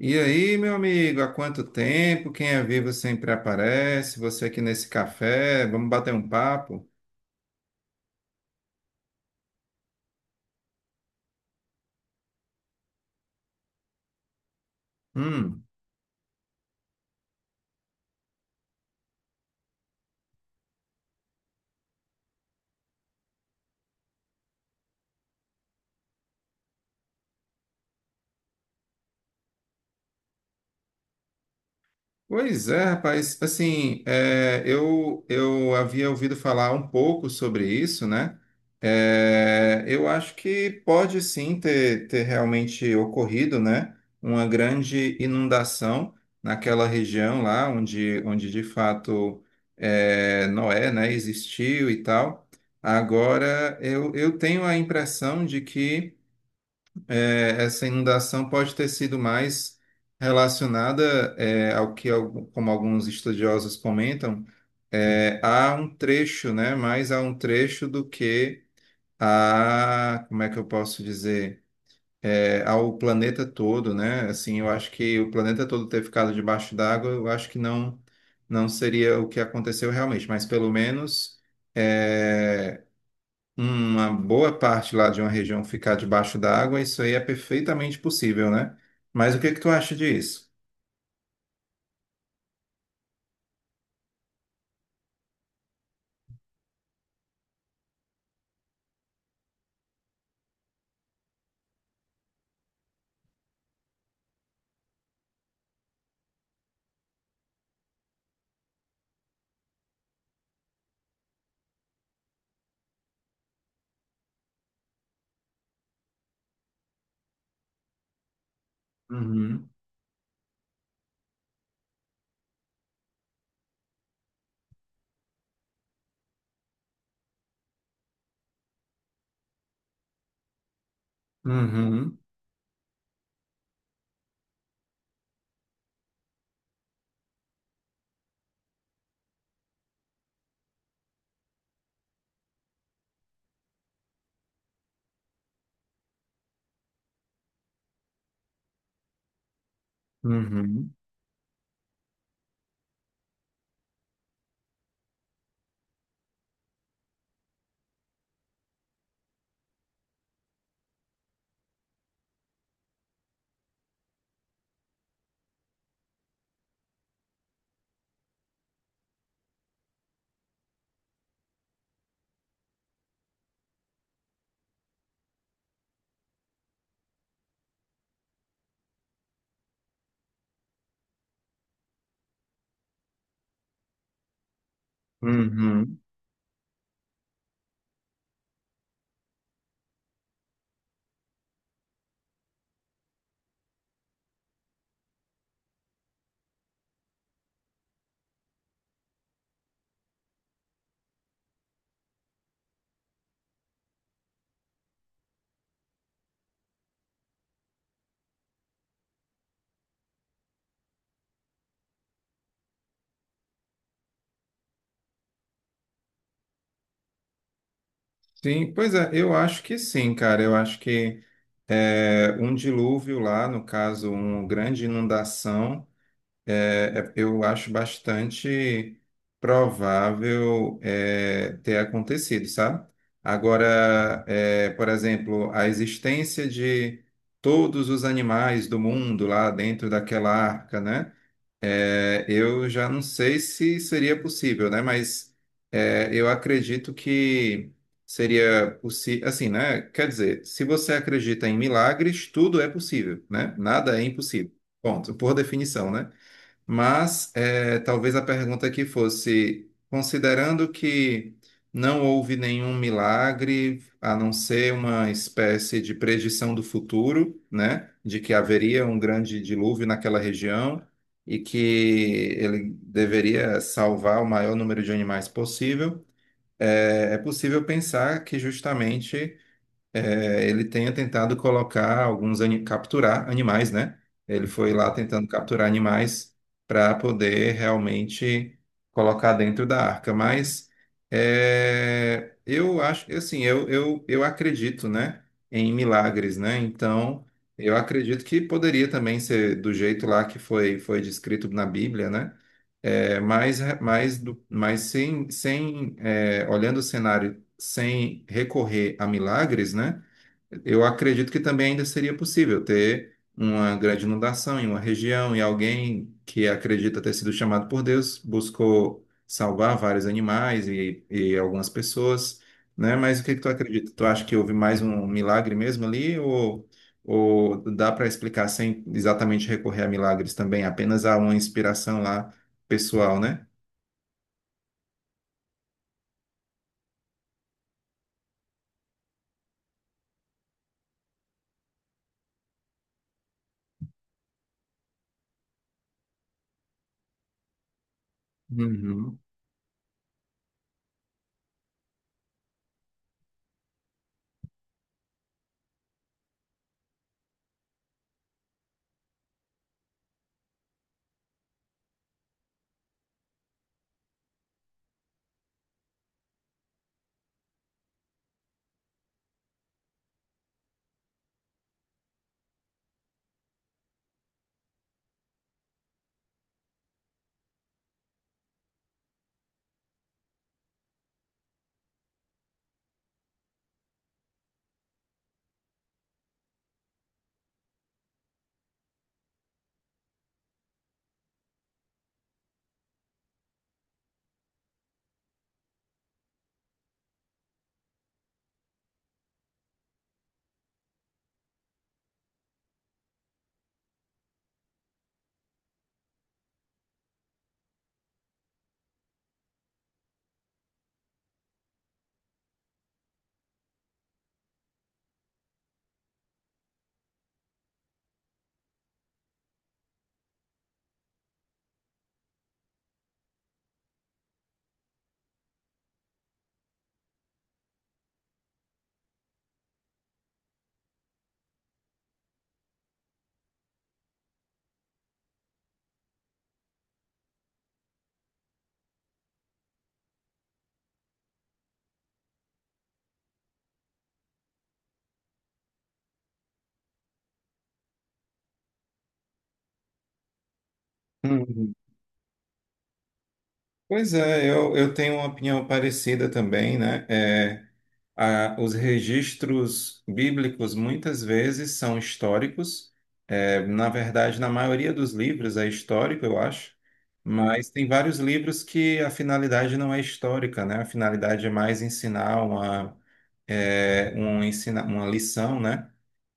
E aí, meu amigo, há quanto tempo? Quem é vivo sempre aparece. Você aqui nesse café, vamos bater um papo? Hum. Pois é, rapaz. Assim, eu havia ouvido falar um pouco sobre isso, né? É, eu acho que pode sim ter realmente ocorrido, né? Uma grande inundação naquela região lá, onde de fato é, Noé, né, existiu e tal. Agora, eu tenho a impressão de que. É, essa inundação pode ter sido mais relacionada, como alguns estudiosos comentam, é, a um trecho, né? Mais a um trecho do que a, como é que eu posso dizer, É, ao planeta todo, né? Assim, eu acho que o planeta todo ter ficado debaixo d'água, eu acho que não, não seria o que aconteceu realmente, mas pelo menos é, uma boa parte lá de uma região ficar debaixo d'água, isso aí é perfeitamente possível, né? Mas o que que tu acha disso? Uhum, uhum, uhum, uhum. Sim, pois é, eu acho que sim, cara. Eu acho que é, um dilúvio lá, no caso, uma grande inundação. É, é, eu acho bastante provável é, ter acontecido, sabe? Agora, é, por exemplo, a existência de todos os animais do mundo lá dentro daquela arca, né? É, eu já não sei se seria possível, né? Mas é, eu acredito que seria possível, assim, né? Quer dizer, se você acredita em milagres, tudo é possível, né? Nada é impossível. Ponto, por definição, né? Mas talvez a pergunta aqui fosse, considerando que não houve nenhum milagre, a não ser uma espécie de predição do futuro, né, de que haveria um grande dilúvio naquela região e que ele deveria salvar o maior número de animais possível. Eh, é possível pensar que justamente é, ele tenha tentado colocar capturar animais, né? Ele foi lá tentando capturar animais para poder realmente colocar dentro da arca. Mas é, eu acho, assim, eu acredito, né, em milagres, né? Então, eu acredito que poderia também ser do jeito lá que foi descrito na Bíblia, né? É, mas sem, sem é, olhando o cenário sem recorrer a milagres, né? Eu acredito que também ainda seria possível ter uma grande inundação em uma região e alguém que acredita ter sido chamado por Deus buscou salvar vários animais e algumas pessoas, né? Mas o que que tu acredita? Tu acha que houve mais um milagre mesmo ali ou dá para explicar sem exatamente recorrer a milagres também, apenas a uma inspiração lá pessoal, né? Uhum. Pois é, eu tenho uma opinião parecida também, né? É, a- os registros bíblicos muitas vezes são históricos. É, na verdade, na maioria dos livros é histórico, eu acho. Mas tem vários livros que a finalidade não é histórica, né? A finalidade é mais ensinar uma, uma lição, né?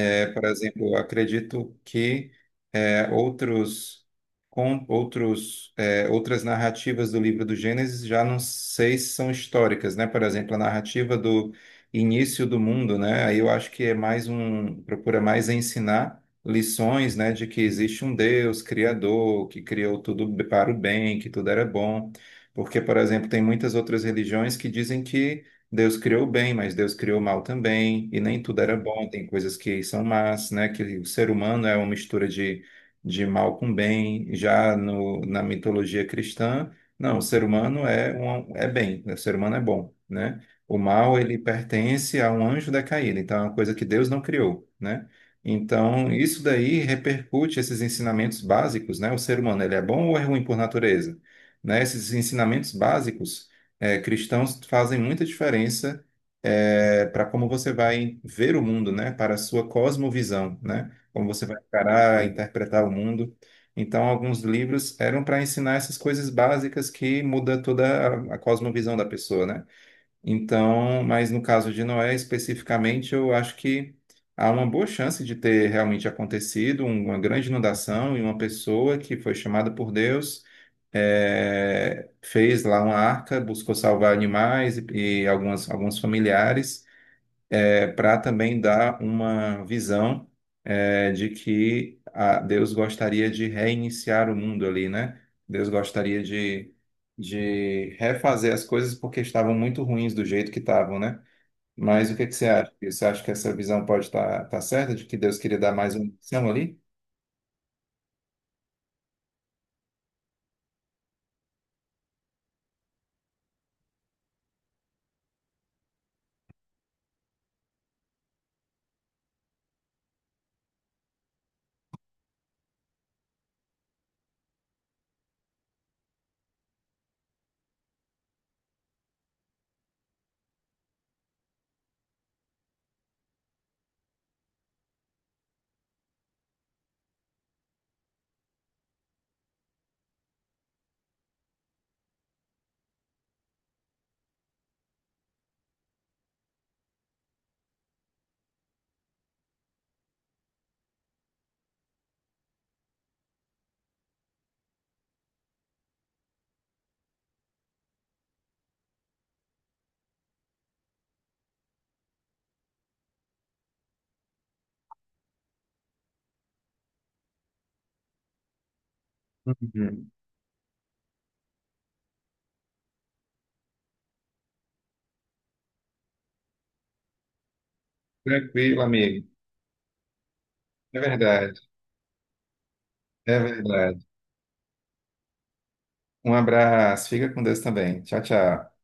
É, por exemplo, eu acredito que é, outros, com, outros, é, outras narrativas do livro do Gênesis já não sei se são históricas, né? Por exemplo, a narrativa do início do mundo, né? Aí eu acho que é mais um, procura mais ensinar lições, né, de que existe um Deus criador, que criou tudo para o bem, que tudo era bom. Porque, por exemplo, tem muitas outras religiões que dizem que Deus criou o bem, mas Deus criou o mal também, e nem tudo era bom, tem coisas que são más, né? Que o ser humano é uma mistura de mal com bem. Já na mitologia cristã, não, o ser humano é, um, é bem, né, o ser humano é bom, né? O mal, ele pertence a um anjo decaído, então é uma coisa que Deus não criou, né? Então, isso daí repercute esses ensinamentos básicos, né? O ser humano, ele é bom ou é ruim por natureza? Né? Esses ensinamentos básicos é, cristãos fazem muita diferença para como você vai ver o mundo, né? Para a sua cosmovisão, né? Como você vai encarar, interpretar o mundo. Então, alguns livros eram para ensinar essas coisas básicas que muda toda a cosmovisão da pessoa, né? Então, mas no caso de Noé especificamente, eu acho que há uma boa chance de ter realmente acontecido uma grande inundação e uma pessoa que foi chamada por Deus é, fez lá uma arca, buscou salvar animais e alguns familiares, para também dar uma visão é, de que a- Deus gostaria de reiniciar o mundo ali, né? Deus gostaria de refazer as coisas porque estavam muito ruins do jeito que estavam, né? Mas o que que você acha? Você acha que essa visão pode estar certa, de que Deus queria dar mais uma missão ali? Uhum. Tranquilo, amigo. É verdade, é verdade. Um abraço, fica com Deus também. Tchau, tchau.